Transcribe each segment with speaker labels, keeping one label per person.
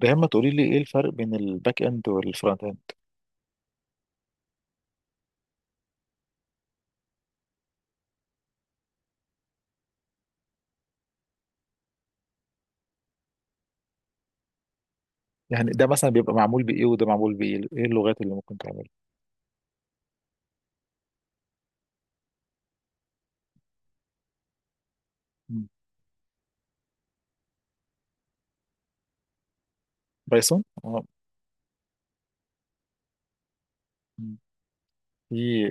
Speaker 1: دايما تقولي لي ايه الفرق بين الباك اند والفرونت اند؟ يعني ده مثلا بيبقى معمول بايه وده معمول بايه، ايه اللغات اللي ممكن تعملها؟ مم. بايثون مم. في.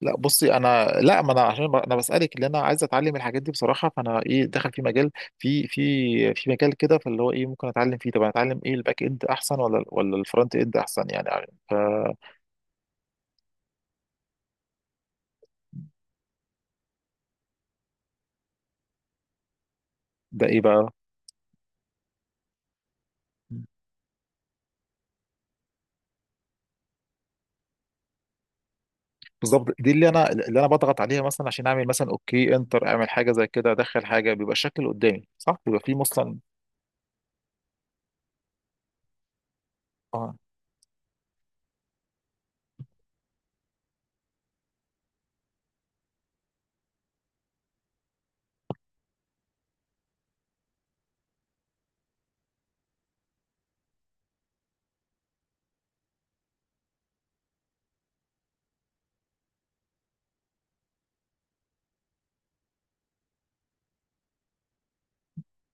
Speaker 1: لا بصي، انا لا، ما انا عشان انا بسالك، اللي انا عايز اتعلم الحاجات دي بصراحه، فانا داخل في مجال، في في في مجال كده، فاللي هو ايه ممكن اتعلم فيه. طب انا اتعلم ايه، الباك اند احسن ولا الفرونت اند احسن يعني, يعني ف ده ايه بقى؟ بالظبط، دي اللي انا بضغط عليها مثلا عشان اعمل مثلا اوكي انتر، اعمل حاجه زي كده، ادخل حاجه بيبقى الشكل قدامي صح، بيبقى فيه مثلا. اه.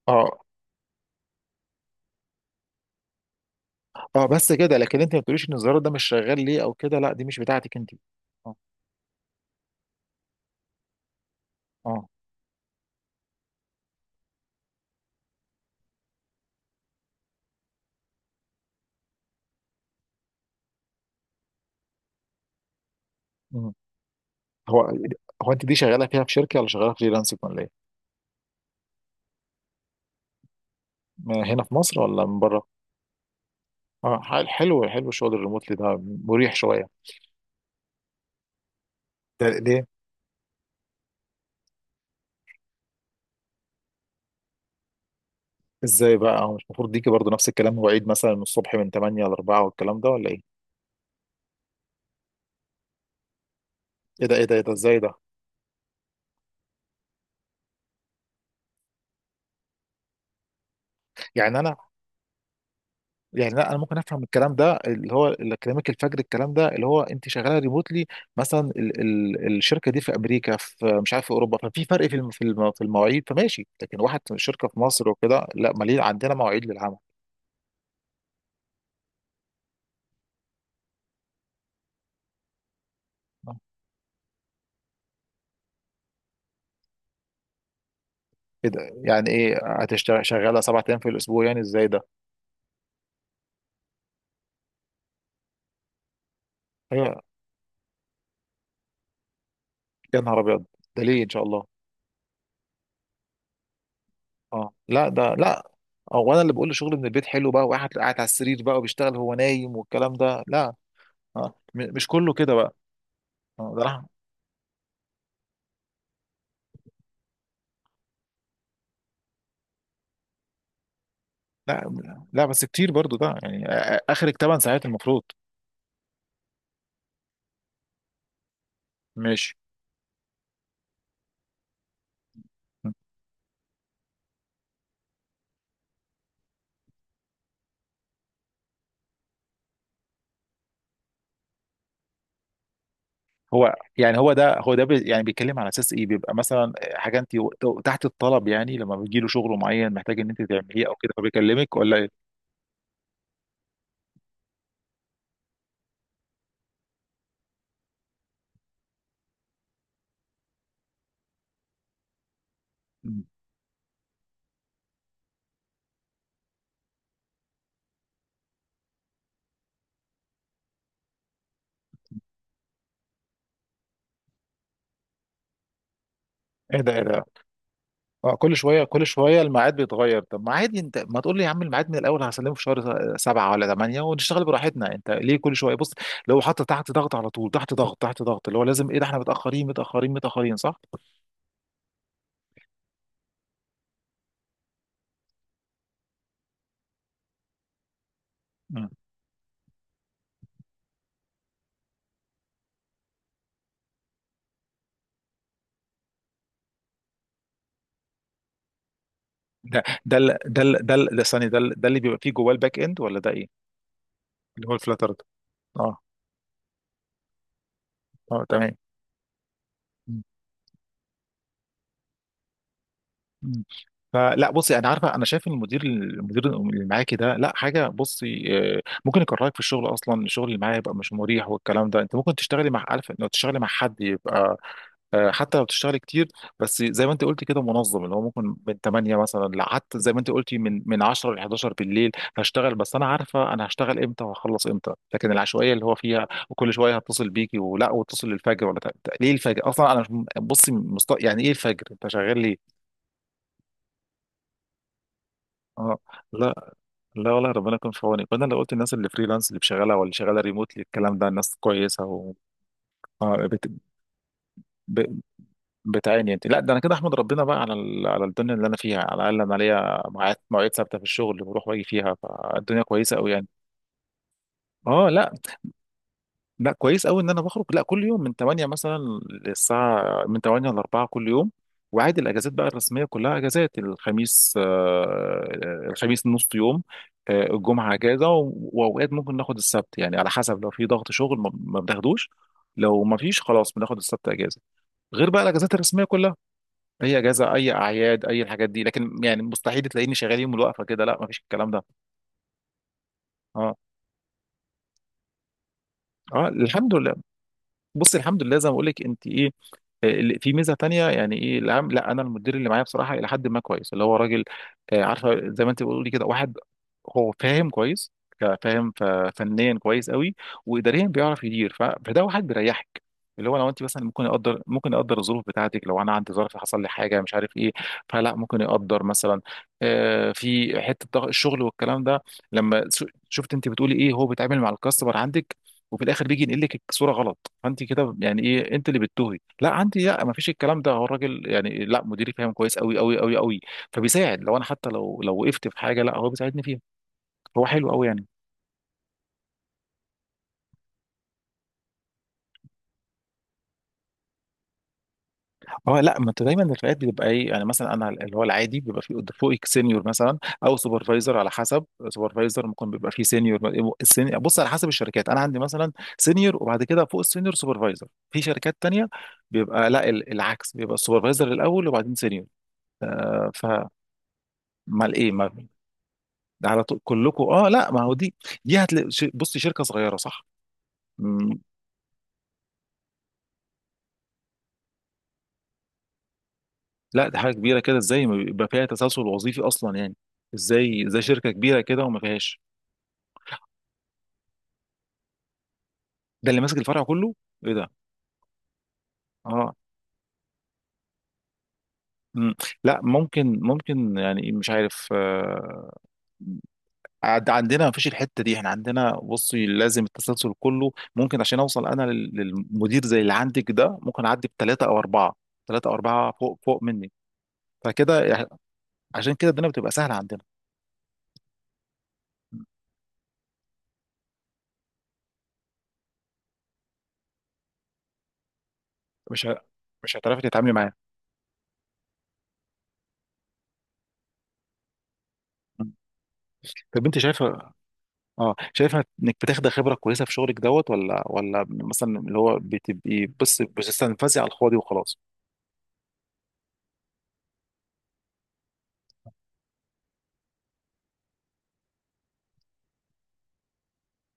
Speaker 1: اه. اه بس كده، لكن انت ما بتقوليش ان الزرار ده مش شغال ليه او كده، لا دي مش بتاعتك انت. اه. اه. مم. هو هو انت دي شغاله فيها في شركه ولا شغاله فريلانسنج ولا ايه؟ ما هنا في مصر ولا من بره؟ اه، حلو حلو شغل الريموتلي ده، مريح شويه. ده ليه؟ ازاي بقى، هو مش المفروض ديكي برضو نفس الكلام، مواعيد مثلا من الصبح من 8 ل 4 والكلام ده ولا ايه؟ ايه ده ايه ده، ازاي ده؟ يعني انا، يعني لا، انا ممكن افهم الكلام ده اللي هو اكاديميك الفجر، الكلام ده اللي هو انت شغاله ريموتلي، مثلا ال الشركه دي في امريكا، في مش عارف في اوروبا، ففي فرق في في المواعيد، فماشي. لكن واحد شركه في مصر وكده، لا مالين عندنا مواعيد للعمل. ايه ده، يعني ايه هتشتغل شغاله سبع ايام في الاسبوع؟ يعني ازاي ده؟ هي. يا نهار ابيض، ده ليه ان شاء الله؟ اه لا، ده لا. هو انا اللي بقول شغل من البيت حلو بقى، واحد قاعد على السرير بقى وبيشتغل، هو نايم والكلام ده، لا. آه. مش كله كده بقى. آه، ده لا لا، بس كتير برضو ده يعني، اخرك 8 ساعات المفروض. ماشي. هو يعني، هو ده يعني بيتكلم على اساس ايه، بيبقى مثلا حاجه انت تحت الطلب، يعني لما بيجي له شغل معين محتاج ان انت تعمليه او كده فبيكلمك ولا ايه؟ مم. ايه ده. اه كل شويه كل شويه الميعاد بيتغير. طب ما عادي، انت ما تقول لي يا عم الميعاد من الاول، هسلمه في شهر سبعه ولا ثمانيه ونشتغل براحتنا. انت ليه كل شويه بص لو حاطط تحت ضغط على طول، تحت ضغط تحت ضغط، اللي هو لازم ايه ده احنا متاخرين متاخرين متاخرين صح؟ ده ثانية، ده اللي بيبقى فيه جواه الباك اند ولا ده ايه؟ اللي هو الفلاتر ده. اه. اه تمام. مم. مم. فلا بصي، انا عارفه، انا شايف المدير، المدير اللي معاكي ده لا حاجه، بصي آه، ممكن يكرهك في الشغل اصلا، الشغل اللي معاه يبقى مش مريح والكلام ده. انت ممكن تشتغلي مع، عارفه لو تشتغلي مع حد يبقى آه، حتى لو بتشتغل كتير بس زي ما انت قلت كده منظم، اللي هو ممكن من 8 مثلا لحتى زي ما انت قلتي من 10 ل 11 بالليل هشتغل، بس انا عارفه انا هشتغل امتى وهخلص امتى. لكن العشوائيه اللي هو فيها، وكل شويه هتصل بيكي ولا واتصل للفجر، ولا ليه الفجر اصلا؟ انا مش بصي مست... يعني ايه الفجر انت شغال ليه؟ اه. لا لا والله، ربنا يكون في عونك. فانا لو قلت الناس اللي فريلانس، اللي شغاله واللي شغاله ريموتلي الكلام ده الناس كويسه و... آه، بت... بتعاني انت، لا ده انا كده احمد ربنا بقى على على الدنيا اللي انا فيها، على الاقل انا ليا ميعاد، مواعيد ثابته في الشغل اللي بروح واجي فيها، فالدنيا كويسه قوي يعني. اه. لا لا، كويس قوي ان انا بخرج لا كل يوم من 8 مثلا، للساعه من 8 ل 4 كل يوم. وعادي الاجازات بقى الرسميه كلها اجازات. الخميس آه، الخميس نص يوم. آه، الجمعه اجازه، واوقات ممكن ناخد السبت، يعني على حسب لو في ضغط شغل ما بناخدوش. لو ما فيش خلاص بناخد السبت اجازه، غير بقى الاجازات الرسميه كلها. اي اجازه، اي اعياد، اي الحاجات دي، لكن يعني مستحيل تلاقيني شغال يوم الوقفه كده. لا ما فيش الكلام ده. اه. اه الحمد لله. بص، الحمد لله زي ما بقول لك انت ايه، في ميزه تانية يعني، ايه العام، لا انا المدير اللي معايا بصراحه الى حد ما كويس، اللي هو راجل آه، عارفه زي ما انت بتقولي كده، واحد هو فاهم كويس، ك- فاهم ف- فنيا كويس قوي، واداريا بيعرف يدير، فده واحد بيريحك، اللي هو لو انت مثلا ممكن يقدر، ممكن يقدر الظروف بتاعتك، لو انا عندي ظرف حصل لي حاجه مش عارف ايه فلا ممكن يقدر مثلا آه، في حته ضغط الشغل والكلام ده، لما شفت انت بتقولي ايه هو بيتعامل مع الكاستمر عندك وفي الاخر بيجي ينقل لك الصوره غلط، فانت كده يعني ايه انت اللي بتتوهي، لا عندي لا ما فيش الكلام ده، هو الراجل يعني لا، مديري فاهم كويس قوي قوي قوي قوي. فبيساعد، لو انا حتى لو لو وقفت في حاجه لا هو بيساعدني فيها، هو حلو قوي يعني. اه. لا ما انت دايما الرفقات بتبقى ايه، يعني مثلا انا اللي هو العادي بيبقى في فوقك سينيور مثلا، او سوبرفايزر على حسب. سوبرفايزر ممكن بيبقى فيه سينيور. بص على حسب الشركات، انا عندي مثلا سينيور وبعد كده فوق السينيور سوبرفايزر. في شركات تانية بيبقى لا العكس، بيبقى السوبرفايزر الاول وبعدين سينيور آه، فمال. ايه ده، على طول كلكم؟ اه لا، ما هو دي، دي هتلاقي بصي شركه صغيره صح. مم. لا دي حاجه كبيره كده، ازاي ما بيبقى فيها تسلسل وظيفي اصلا يعني؟ ازاي ازاي شركه كبيره كده وما فيهاش؟ ده اللي ماسك الفرع كله؟ ايه ده. اه. مم. لا ممكن ممكن يعني مش عارف آه، عندنا ما فيش الحته دي. احنا عندنا بصي لازم التسلسل كله، ممكن عشان اوصل انا للمدير زي اللي عندك ده، ممكن اعدي بثلاثه او اربعه، ثلاثه او اربعه فوق فوق مني. فكده، عشان كده الدنيا بتبقى سهله عندنا. مش ه... مش هتعرفي تتعاملي معاه. مم. طب انت شايفه، اه شايفه انك بتاخدي خبره كويسه في شغلك دوت، ولا مثلا اللي هو بتبقي بس بتستنفذي على الفاضي وخلاص؟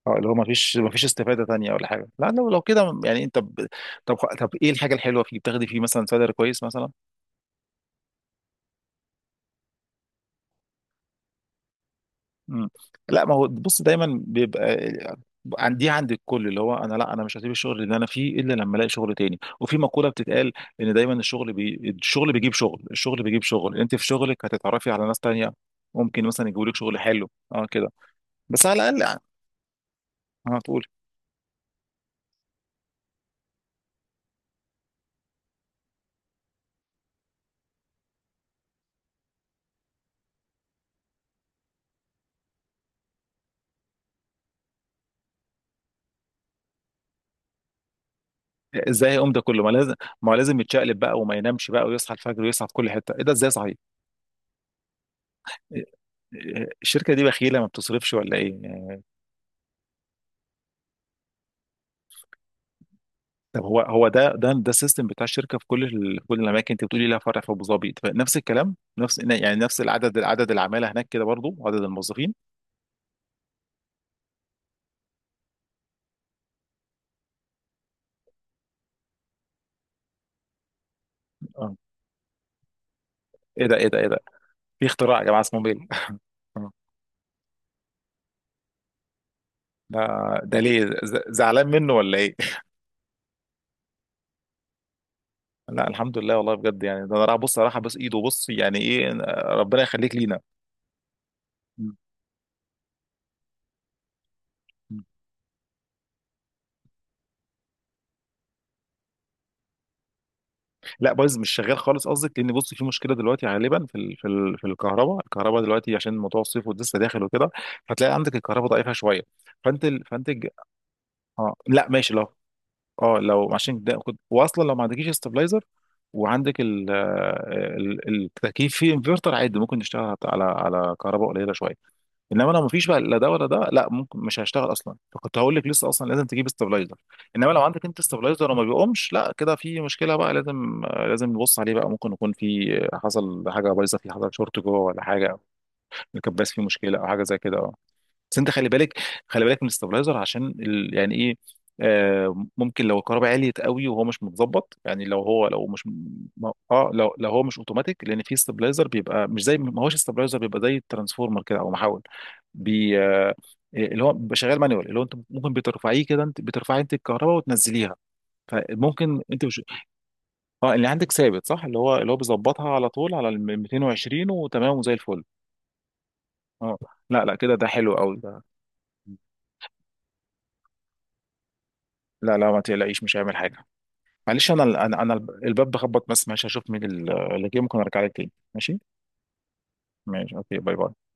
Speaker 1: اه، اللي هو ما فيش استفاده تانية ولا حاجه، لا لو لو كده يعني انت ب... طب طب، ايه الحاجه الحلوه فيه، بتاخدي فيه مثلا سالري كويس مثلا؟ مم. لا ما هو بص، دايما بيبقى دي عند الكل، اللي هو انا لا انا مش هسيب الشغل اللي انا فيه الا لما الاقي شغل تاني. وفي مقوله بتتقال، ان دايما الشغل الشغل بيجيب شغل، الشغل بيجيب شغل، انت في شغلك هتتعرفي على ناس تانية، ممكن مثلا يجيبوا لك شغل حلو. اه كده. بس على الاقل يعني هتقول، ازاي هيقوم ده كله، ما لازم، ما هو لازم يتشقلب بقى وما ينامش بقى ويصحى الفجر ويصحى في كل حته، ايه ده، ازاي صحيح؟ إيه- إيه، الشركه دي بخيله ما بتصرفش ولا ايه؟ طب هو، هو ده السيستم بتاع الشركه في كل الاماكن؟ انت بتقولي لها فرع في ابو ظبي، طب نفس الكلام، نفس يعني نفس العدد، العدد العماله هناك كده برضو عدد الموظفين. اه. ايه ده ايه ده، في اختراع يا جماعه اسمه بيل آه. ده، ده ليه زعلان منه ولا ايه؟ لا الحمد لله والله بجد، يعني ده انا راح بص، راح بس ايده بص يعني ايه، ربنا يخليك لينا. لا بايظ مش شغال خالص قصدك؟ لان بص في مشكله دلوقتي غالبا في ال... في ال... في الكهرباء، الكهرباء دلوقتي عشان موضوع الصيف ولسه داخل وكده، هتلاقي عندك الكهرباء ضعيفه شويه. فانت ال... اه لا ماشي، لو اه لو عشان ده كنت واصلا لو ما عندكيش استابلايزر وعندك ال... آه، ال... التكييف فيه انفرتر، عادي ممكن نشتغل على على كهرباء قليله شويه. انما لو مفيش بقى لا ده ولا ده، لا ممكن مش هيشتغل اصلا، فكنت هقول لك لسه اصلا لازم تجيب استابلايزر. انما لو عندك انت استابلايزر وما بيقومش لا كده في مشكله بقى، لازم لازم نبص عليه بقى، ممكن يكون في حصل حاجه بايظه، في حصل شورت جوه ولا حاجه، الكباس فيه مشكله او حاجه زي كده. بس انت خلي بالك، خلي بالك من الاستابلايزر، عشان ال... يعني ايه آه، ممكن لو الكهرباء عليت قوي وهو مش متظبط، يعني لو هو لو مش م- اه لو لو هو مش اوتوماتيك. لان في استابلايزر بيبقى مش زي، ما هوش استابلايزر بيبقى زي الترانسفورمر كده او محول بي آه آه، اللي هو بيبقى شغال مانيوال، اللي هو انت ممكن بترفعيه كده، انت بترفعي انت الكهرباء وتنزليها. فممكن انت مش. اه اللي عندك ثابت صح، اللي هو بيظبطها على طول على ال 220 وتمام وزي الفل. اه. لا لا كده ده حلو قوي ده. لا لا ما تقلقيش مش هيعمل حاجه. معلش انا انا الباب بخبط، بس ماشي هشوف مين اللي جه، ممكن ارجع لك تاني ماشي؟ ماشي اوكي، باي باي.